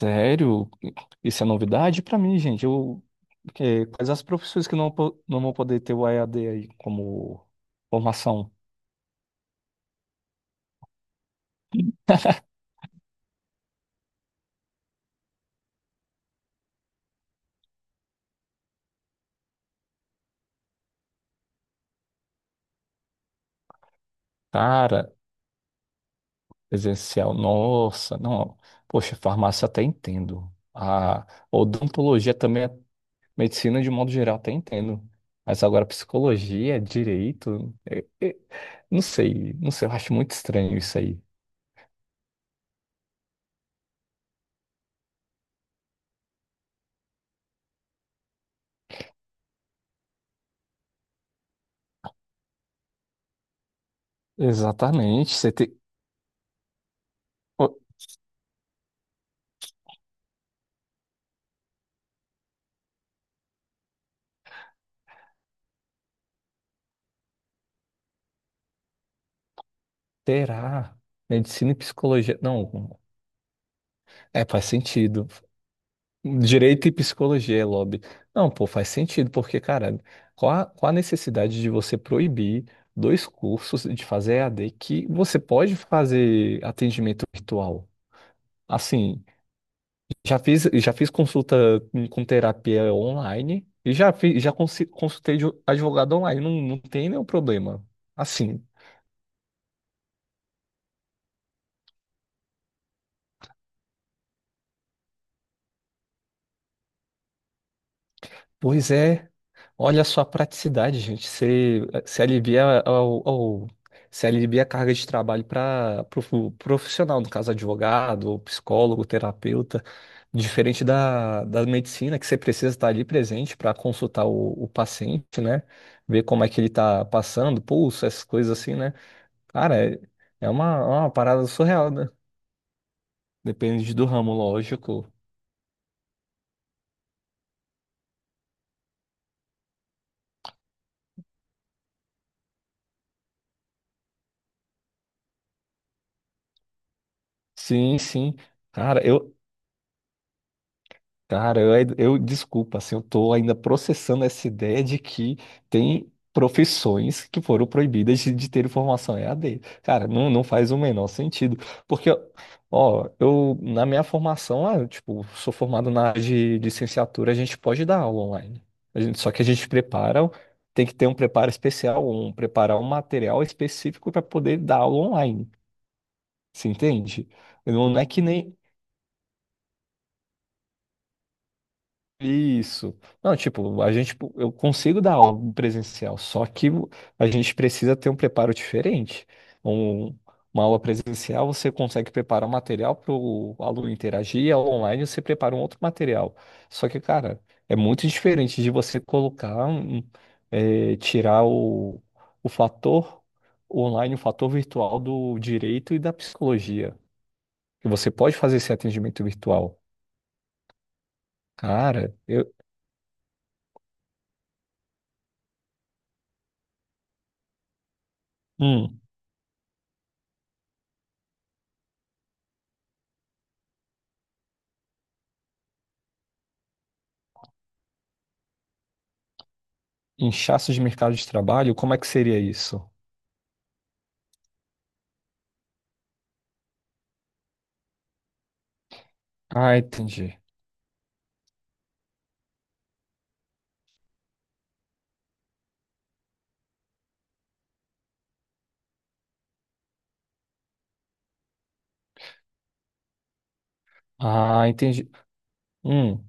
Sério? Isso é novidade pra mim, gente. Quais as profissões que não vão poder ter o EAD aí como formação? Cara, presencial, nossa, não. Poxa, farmácia até entendo. A odontologia também, medicina de modo geral até entendo. Mas agora psicologia, direito, não sei, eu acho muito estranho isso aí. Exatamente, o- terá medicina e psicologia. Não, é, faz sentido. Direito e psicologia é lobby. Não, pô, faz sentido, porque, cara, qual a necessidade de você proibir dois cursos de fazer E a d que você pode fazer atendimento virtual? Assim, já fiz consulta com terapia online e já, fiz, já consi- consultei de advogado online, não tem nenhum problema. Assim, pois é. Olha só a praticidade, gente. Você se alivia ao, ao, se alivia a carga de trabalho para o profissional, no caso, advogado, ou psicólogo, terapeuta, diferente da medicina, que você precisa estar ali presente para consultar o paciente, né? Ver como é que ele está passando, pulso, essas coisas assim, né? Cara, é, é uma parada surreal, né? Depende do ramo, lógico. Sim, sim. Cara, eu, Cara, eu desculpa, assim, eu tô ainda processando essa ideia de que tem profissões que foram proibidas de ter formação EAD. Cara, não faz o menor sentido. Porque, ó, eu, na minha formação, ah, eu, tipo, sou formado na área de licenciatura, a gente pode dar aula online. Só que a gente prepara, tem que ter um preparo especial, um, preparar um material específico para poder dar aula online. Você entende? Não é que nem. Isso. Não, tipo, eu consigo dar algo presencial, só que a gente precisa ter um preparo diferente. Um- uma aula presencial, você consegue preparar um material para o aluno interagir, e a online você prepara um outro material. Só que, cara, é muito diferente de você colocar, um- é, tirar o fator online, o fator virtual do direito e da psicologia. Que você pode fazer esse atendimento virtual. Cara, eu. Hum. Inchaço de mercado de trabalho? Como é que seria isso? Ah, entendi. Ah, entendi. Hum,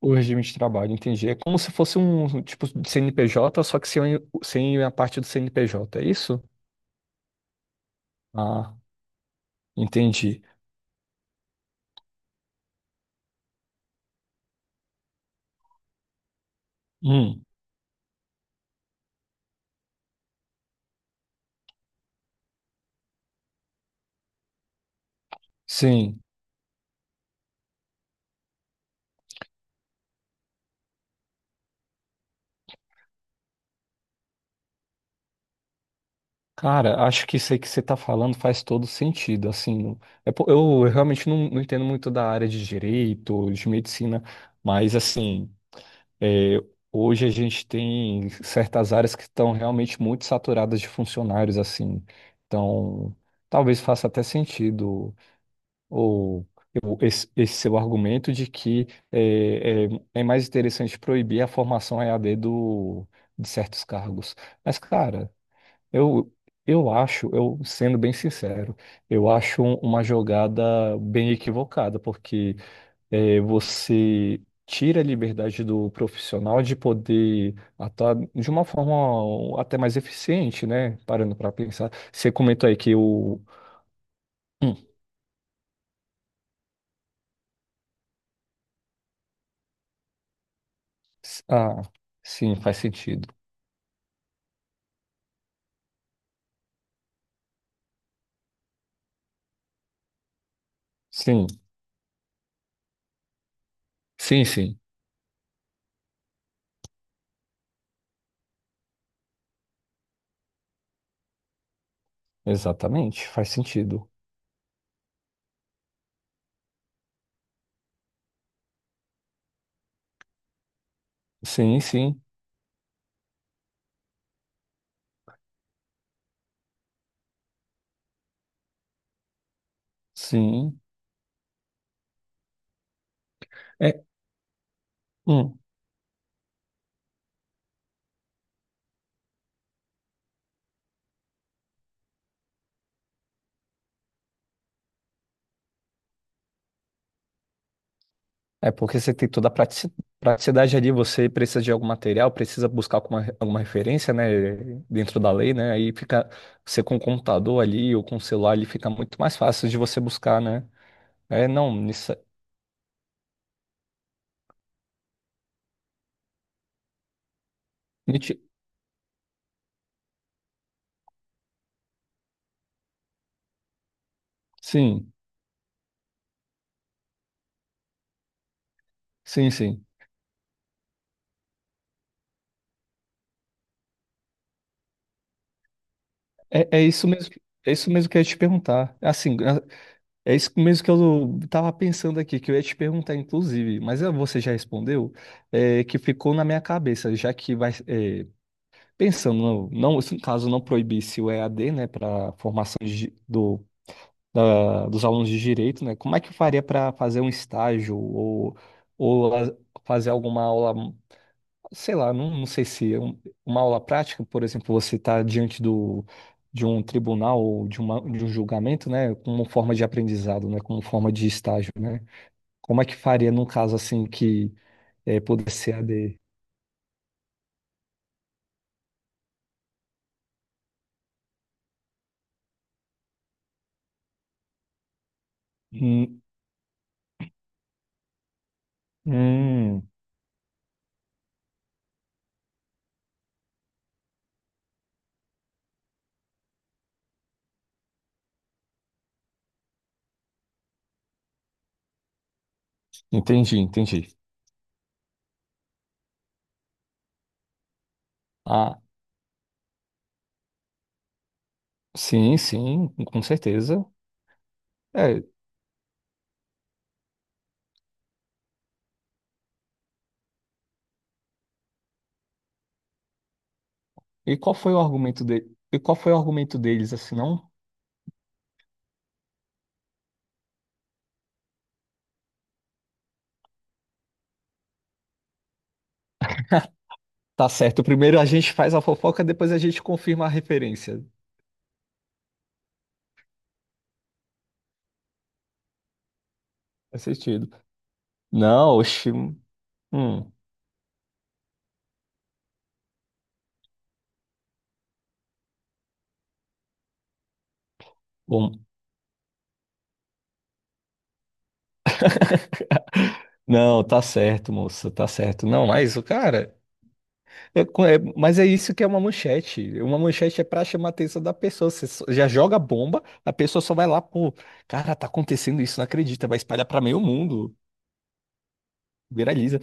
o regime de trabalho, entendi. É como se fosse um tipo de CNPJ, só que sem, sem a parte do CNPJ, é isso? Ah, entendi. Hum, sim. Cara, acho que isso aí que você tá falando faz todo sentido, assim, é po- eu, eu realmente não entendo muito da área de direito, de medicina, mas, assim, é, hoje a gente tem certas áreas que estão realmente muito saturadas de funcionários, assim. Então, talvez faça até sentido ou esse seu argumento de que é, é- é mais interessante proibir a formação EAD do, de certos cargos. Mas, cara, eu, eu sendo bem sincero, eu acho uma jogada bem equivocada, porque é, você tira a liberdade do profissional de poder atuar de uma forma até mais eficiente, né? Parando para pensar. Você comentou aí que o. Hum, s- ah, sim, faz sentido. Sim, sim, sim. Exatamente, faz sentido. Sim, sim, sim. É, hum. É porque você tem toda a praticidade ali, você precisa de algum material, precisa buscar alguma referência, né, dentro da lei, né, aí fica, você com o computador ali ou com o celular ali fica muito mais fácil de você buscar, né. É, não, isso, niti- sim, sim, sim, é, é isso mesmo que eu ia te perguntar, assim, é isso mesmo que eu tava pensando aqui, que eu ia te perguntar, inclusive, mas você já respondeu, é, que ficou na minha cabeça, já que vai, pensando, não, se no caso não proibisse o EAD, né, para formação de di- do, da- dos alunos de direito, né, como é que eu faria para fazer um estágio ou fazer alguma aula, sei lá, não sei se é uma aula prática, por exemplo, você está diante do, de um tribunal ou de um julgamento, né, como forma de aprendizado, né, como forma de estágio, né? Como é que faria num caso assim que é, pudesse ser EAD? Hum, hum, entendi. Ah, sim, sim, com certeza. É, e qual foi o argumento de? E qual foi o argumento deles, assim, não? Tá certo, primeiro a gente faz a fofoca, depois a gente confirma a referência. Faz sentido. Não, oxi. Hum, bom. Não, tá certo, moça, tá certo. Não, mas o cara. Mas é isso que é uma manchete. Uma manchete é pra chamar a atenção da pessoa. Já joga a bomba, a pessoa só vai lá, pô, cara, tá acontecendo isso, não acredita, vai espalhar pra meio mundo. Viraliza.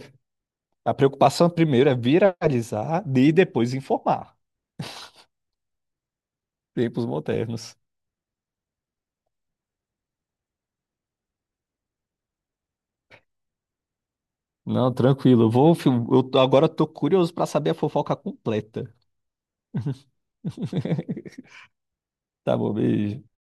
A preocupação primeiro é viralizar e depois informar. Tempos modernos. Não, tranquilo. Eu vou, eu tô- Agora eu tô curioso para saber a fofoca completa. Tá bom, beijo.